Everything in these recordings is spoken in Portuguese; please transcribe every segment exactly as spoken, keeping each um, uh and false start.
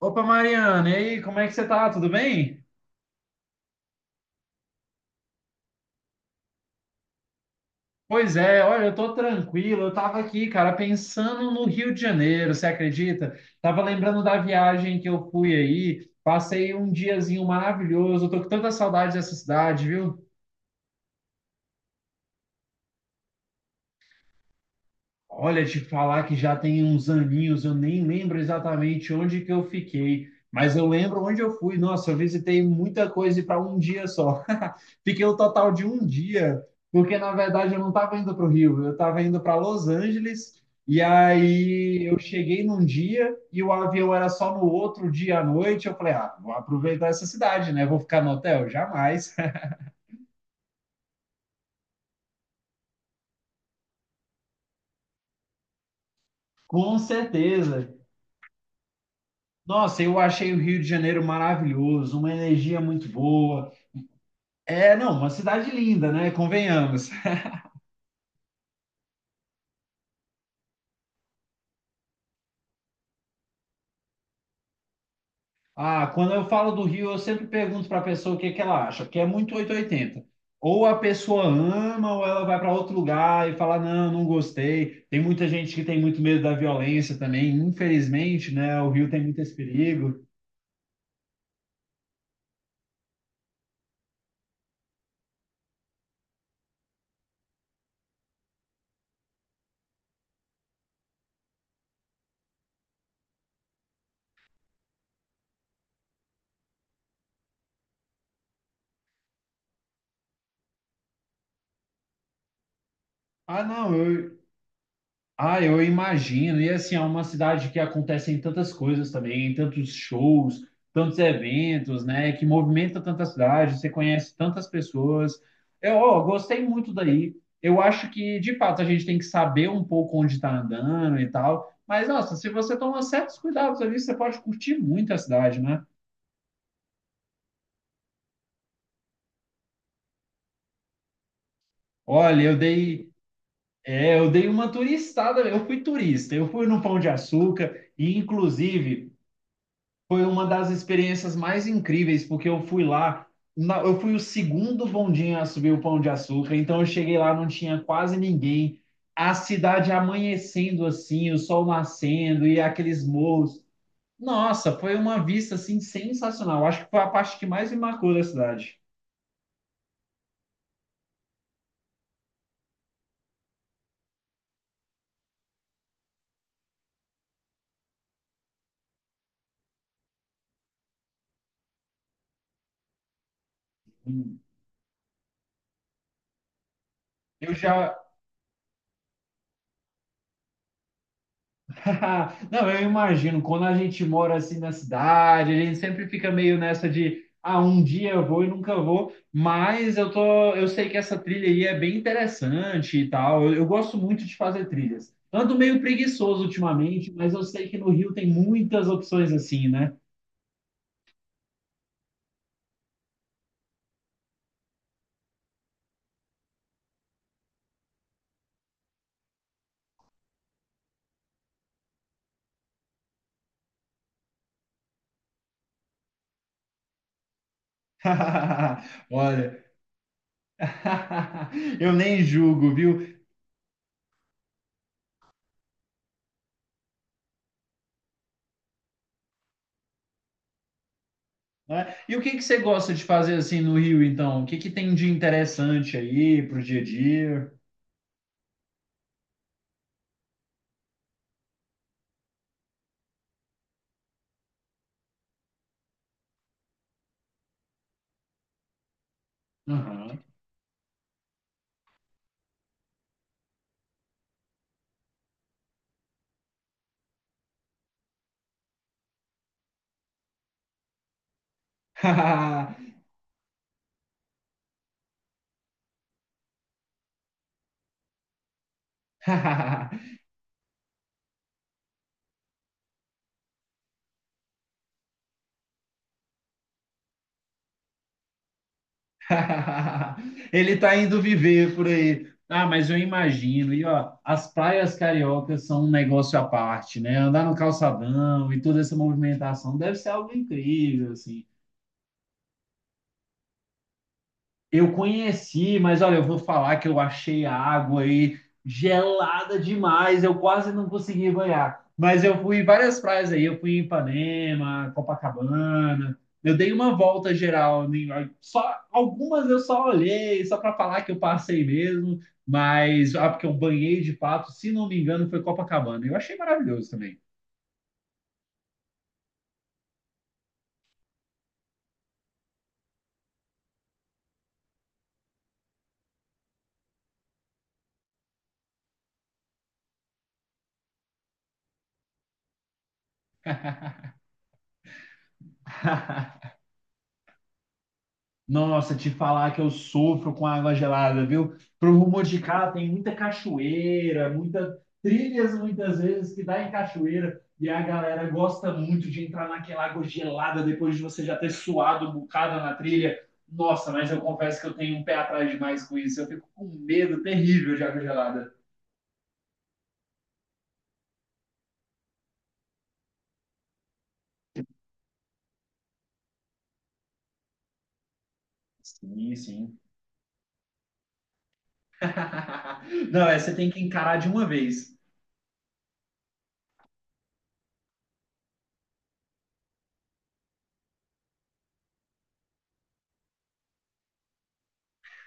Opa, Mariana, e aí, como é que você tá? Tudo bem? Pois é, olha, eu tô tranquilo. Eu tava aqui, cara, pensando no Rio de Janeiro, você acredita? Tava lembrando da viagem que eu fui aí, passei um diazinho maravilhoso. Eu tô com tanta saudade dessa cidade, viu? Olha, te falar que já tem uns aninhos, eu nem lembro exatamente onde que eu fiquei, mas eu lembro onde eu fui. Nossa, eu visitei muita coisa para um dia só. Fiquei um total de um dia, porque na verdade eu não estava indo para o Rio, eu estava indo para Los Angeles. E aí eu cheguei num dia e o avião era só no outro dia à noite. Eu falei, ah, vou aproveitar essa cidade, né? Vou ficar no hotel? Jamais. Com certeza. Nossa, eu achei o Rio de Janeiro maravilhoso, uma energia muito boa. É, não, uma cidade linda, né? Convenhamos. Ah, quando eu falo do Rio, eu sempre pergunto para a pessoa o que que ela acha, porque é muito oitocentos e oitenta. Ou a pessoa ama, ou ela vai para outro lugar e fala, não, não gostei. Tem muita gente que tem muito medo da violência também, infelizmente, né? O Rio tem muito esse perigo. Ah, não, eu, Ah, eu imagino. E assim, é uma cidade que acontecem tantas coisas também, tantos shows, tantos eventos, né? Que movimenta tanta cidade, você conhece tantas pessoas. Eu, ó, gostei muito daí. Eu acho que, de fato, a gente tem que saber um pouco onde está andando e tal. Mas, nossa, se você tomar certos cuidados ali, você pode curtir muito a cidade, né? Olha, eu dei, é, eu dei uma turistada, eu fui turista, eu fui no Pão de Açúcar, e inclusive. Foi uma das experiências mais incríveis, porque eu fui lá, na- eu fui o segundo bondinho a subir o Pão de Açúcar, então eu cheguei lá, não tinha quase ninguém, a cidade amanhecendo assim, o sol nascendo e aqueles morros. Nossa, foi uma vista assim sensacional. Acho que foi a parte que mais me marcou da cidade. Eu já, Não, eu imagino, quando a gente mora assim na cidade, a gente sempre fica meio nessa de, ah, um dia eu vou e nunca vou, mas eu tô, eu sei que essa trilha aí é bem interessante e tal. Eu, eu gosto muito de fazer trilhas. Ando meio preguiçoso ultimamente, mas eu sei que no Rio tem muitas opções assim, né? Olha, eu nem julgo, viu? Né? E o que que você gosta de fazer assim no Rio, então? O que que tem de interessante aí pro dia a dia? Aham. Ele tá indo viver por aí. Ah, mas eu imagino. E ó, as praias cariocas são um negócio à parte, né? Andar no calçadão e toda essa movimentação deve ser algo incrível, assim. Eu conheci, mas olha, eu vou falar que eu achei a água aí gelada demais, eu quase não consegui banhar. Mas eu fui em várias praias aí, eu fui em Ipanema, Copacabana, eu dei uma volta geral, nem- só algumas eu só olhei, só para falar que eu passei mesmo, mas ah, porque eu banhei de fato, se não me engano, foi Copacabana. Eu achei maravilhoso também. Nossa, te falar que eu sofro com água gelada, viu? Pro rumo de cá tem muita cachoeira, muita trilhas muitas vezes que dá em cachoeira e a galera gosta muito de entrar naquela água gelada depois de você já ter suado um bocado na trilha. Nossa, mas eu confesso que eu tenho um pé atrás demais com isso. Eu fico com medo terrível de água gelada. Sim, sim. Não, essa você tem que encarar de uma vez.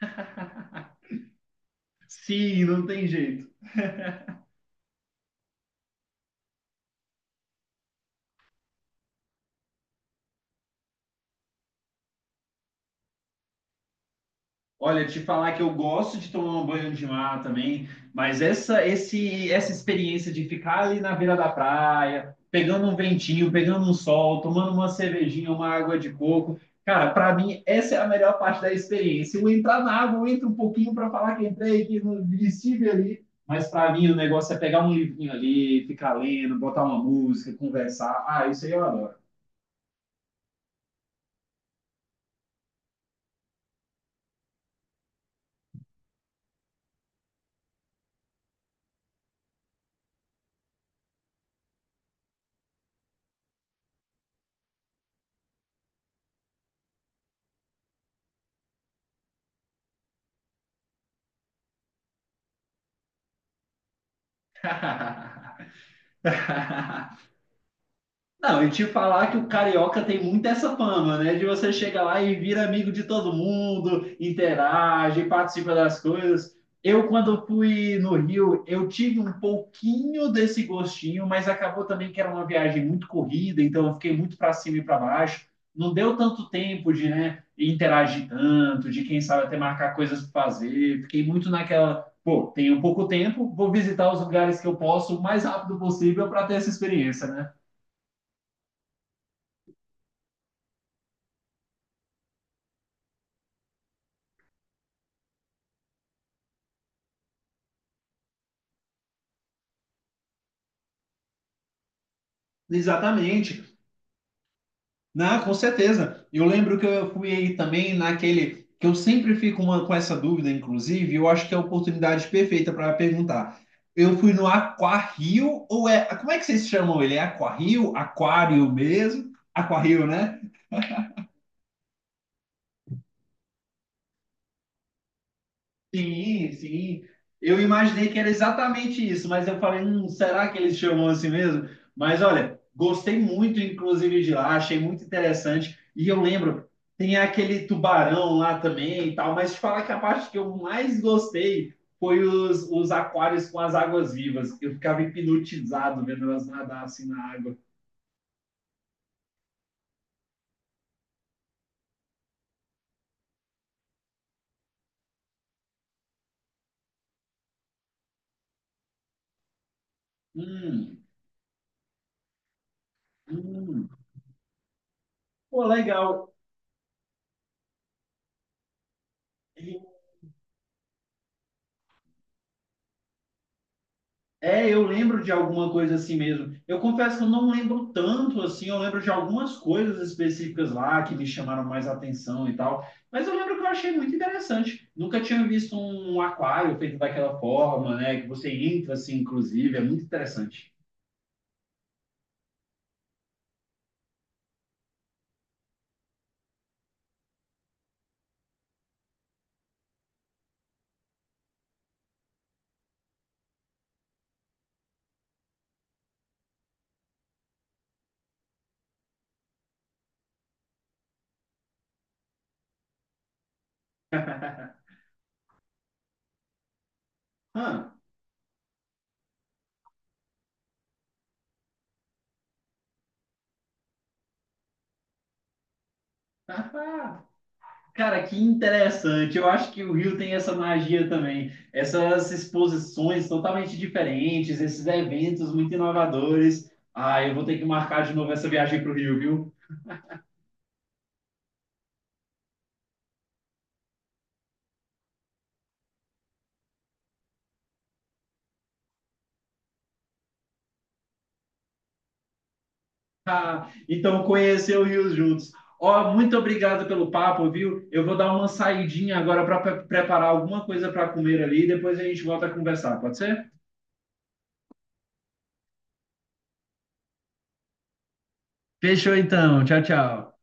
Sim, não tem jeito. Olha, te falar que eu gosto de tomar um banho de mar também, mas essa, esse, essa experiência de ficar ali na beira da praia, pegando um ventinho, pegando um sol, tomando uma cervejinha, uma água de coco, cara, pra mim essa é a melhor parte da experiência. Eu entrar na água, eu entro um pouquinho pra falar que entrei, que não estive ali, mas pra mim o negócio é pegar um livrinho ali, ficar lendo, botar uma música, conversar. Ah, isso aí eu adoro. Não, e te falar que o carioca tem muito essa fama, né? De você chegar lá e vira amigo de todo mundo, interage, participa das coisas. Eu, quando fui no Rio, eu tive um pouquinho desse gostinho, mas acabou também que era uma viagem muito corrida, então eu fiquei muito para cima e para baixo. Não deu tanto tempo de, né, interagir tanto, de quem sabe até marcar coisas para fazer. Fiquei muito naquela, pô, tenho pouco tempo, vou visitar os lugares que eu posso o mais rápido possível para ter essa experiência, né? Exatamente. Não, com certeza. Eu lembro que eu fui aí também naquele que eu sempre fico uma- com essa dúvida, inclusive, eu acho que é a oportunidade perfeita para perguntar. Eu fui no Aquario ou é, como é que vocês chamam ele? É Aquario? Aquário mesmo? Aquario, né? Sim, sim. Eu imaginei que era exatamente isso, mas eu falei, hum, será que eles chamam assim mesmo? Mas olha, gostei muito, inclusive, de lá, achei muito interessante. E eu lembro, tem aquele tubarão lá também e tal, mas te falar que a parte que eu mais gostei foi os, os aquários com as águas vivas. Eu ficava hipnotizado vendo elas nadar assim na água. Hum, hum. Pô, legal. É, eu lembro de alguma coisa assim mesmo. Eu confesso que eu não lembro tanto assim, eu lembro de algumas coisas específicas lá que me chamaram mais atenção e tal. Mas eu lembro que eu achei muito interessante. Nunca tinha visto um aquário feito daquela forma, né? Que você entra assim, inclusive, é muito interessante. Ah, cara, que interessante. Eu acho que o Rio tem essa magia também. Essas exposições totalmente diferentes, esses eventos muito inovadores. Ah, eu vou ter que marcar de novo essa viagem para o Rio, viu? Ah, então conhecer o Rio juntos. Ó, muito obrigado pelo papo, viu? Eu vou dar uma saidinha agora para preparar alguma coisa para comer ali, depois a gente volta a conversar, pode ser? Fechou então. Tchau, tchau.